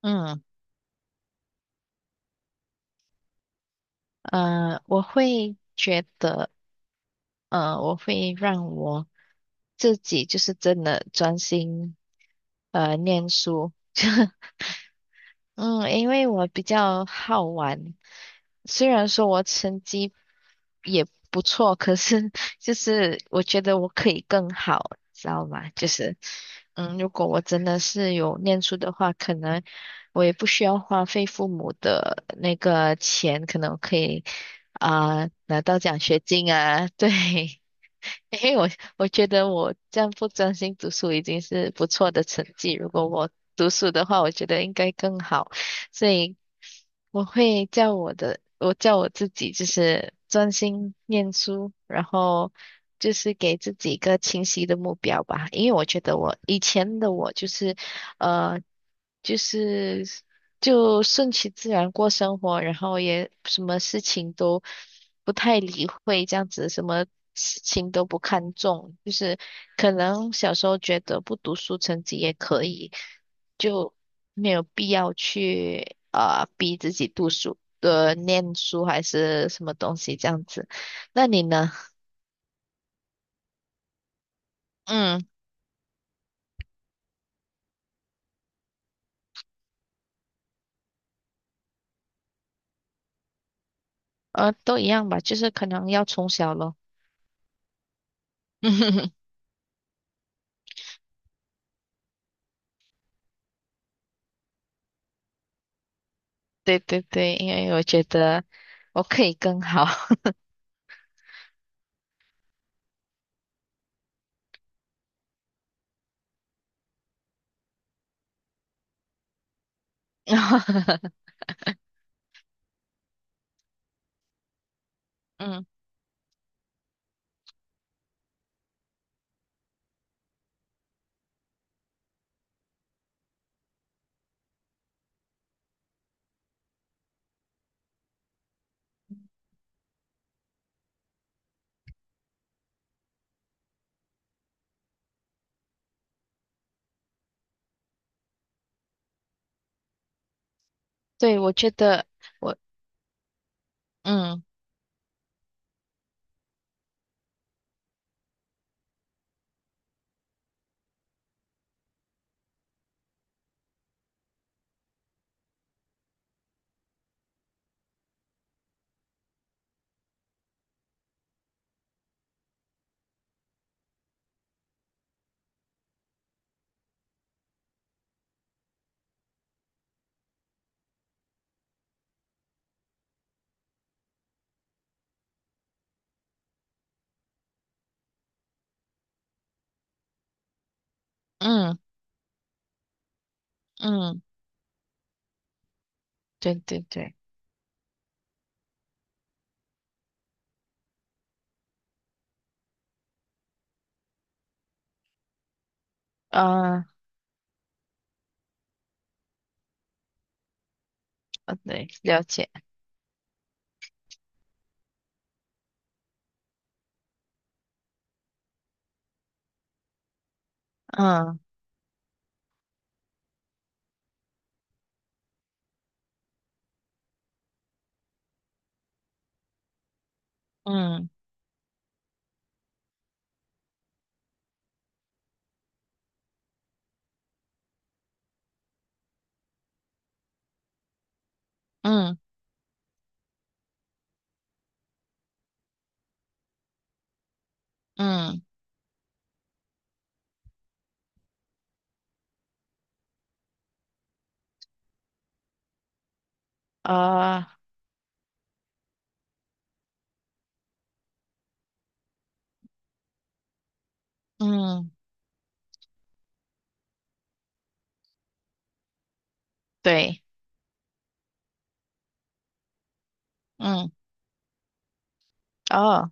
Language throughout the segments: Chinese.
嗯，我会觉得，我会让我自己就是真的专心念书，嗯，因为我比较好玩，虽然说我成绩也不错，可是就是我觉得我可以更好，知道吗？就是如果我真的是有念书的话，可能我也不需要花费父母的那个钱，可能我可以啊、拿到奖学金啊，对，因为我觉得我这样不专心读书已经是不错的成绩，如果我读书的话，我觉得应该更好。所以我会叫我的，我叫我自己就是专心念书，然后就是给自己一个清晰的目标吧，因为我觉得我以前的我就是，呃，就是就顺其自然过生活，然后也什么事情都不太理会，这样子什么。事情都不看重，就是可能小时候觉得不读书成绩也可以，就没有必要去逼自己读书念书还是什么东西这样子。那你呢？嗯，都一样吧，就是可能要从小咯。对对对，因为我觉得我可以更好。嗯，对，我觉得我嗯嗯嗯，对对对，啊、对，了解，嗯嗯嗯嗯，啊、嗯，对，嗯哦。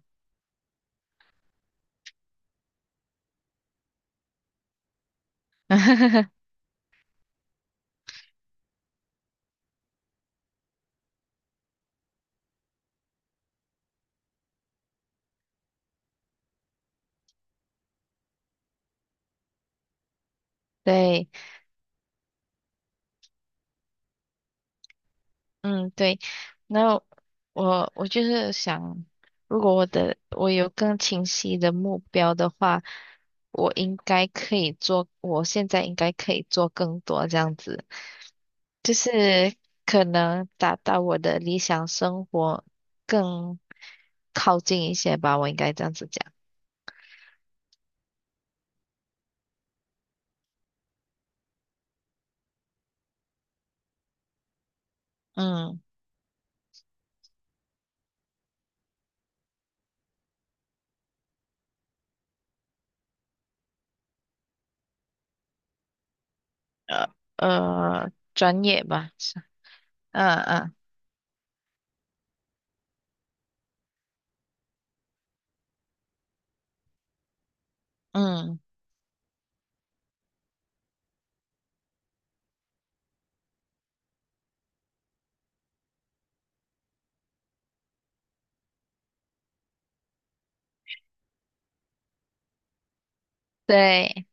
对，嗯，对，那我就是想，如果我有更清晰的目标的话，我应该可以做，我现在应该可以做更多这样子，就是可能达到我的理想生活更靠近一些吧，我应该这样子讲，嗯，专业吧，是，嗯嗯嗯，对，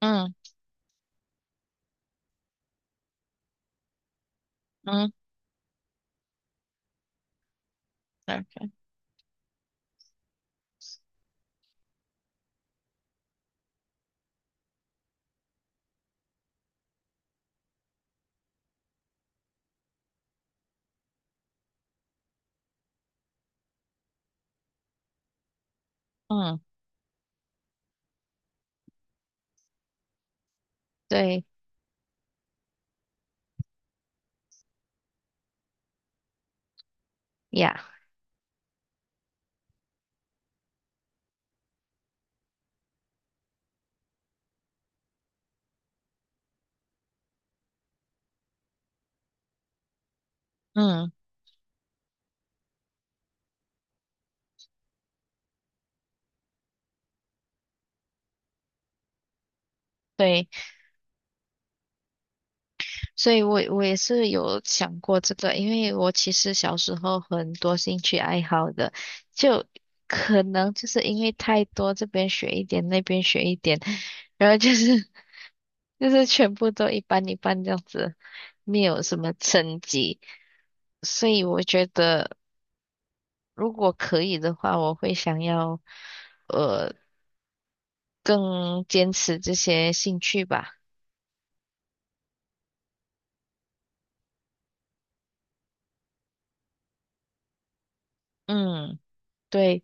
嗯嗯嗯嗯，对呀。嗯，对，所以我也是有想过这个，因为我其实小时候很多兴趣爱好的，就可能就是因为太多，这边学一点，那边学一点，然后就是 就是全部都一般一般这样子，没有什么成绩，所以我觉得如果可以的话，我会想要呃更坚持这些兴趣吧。嗯，对。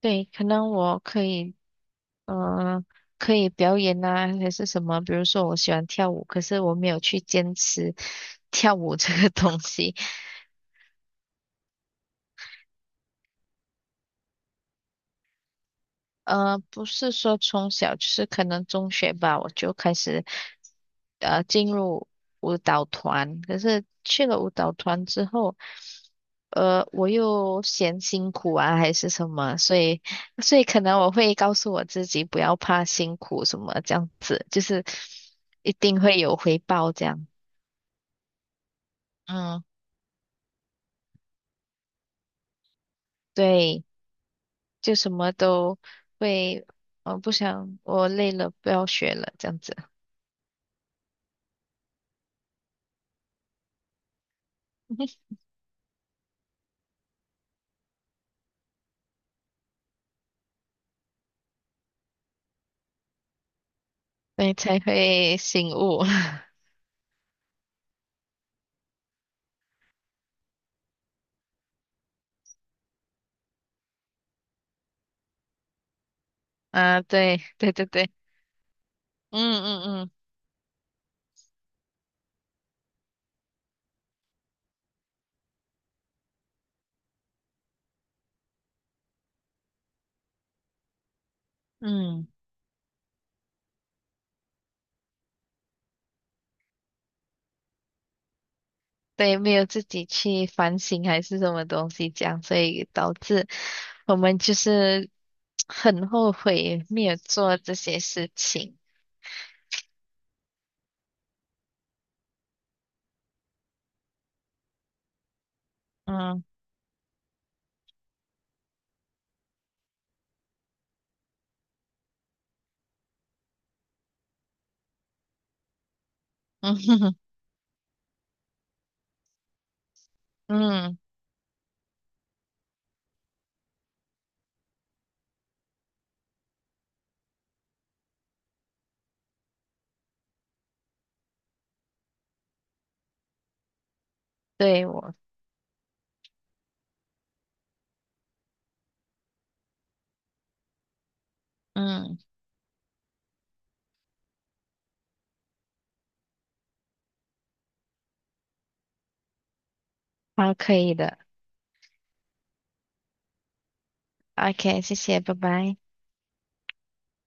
对，可能我嗯，可以表演啊，还是什么？比如说，我喜欢跳舞，可是我没有去坚持跳舞这个 东西。不是说从小，就是可能中学吧，我就开始进入舞蹈团。可是去了舞蹈团之后，我又嫌辛苦啊，还是什么，所以可能我会告诉我自己不要怕辛苦什么这样子，就是一定会有回报这样。嗯。对，就什么都会，我不想，我累了，不要学了，这样子，对，才会醒悟。啊，对，对对对，嗯嗯嗯嗯，对，没有自己去反省还是什么东西这样，所以导致我们就是很后悔没有做这些事情。嗯嗯 嗯，对我，嗯，好，可以的，OK,谢谢，拜拜。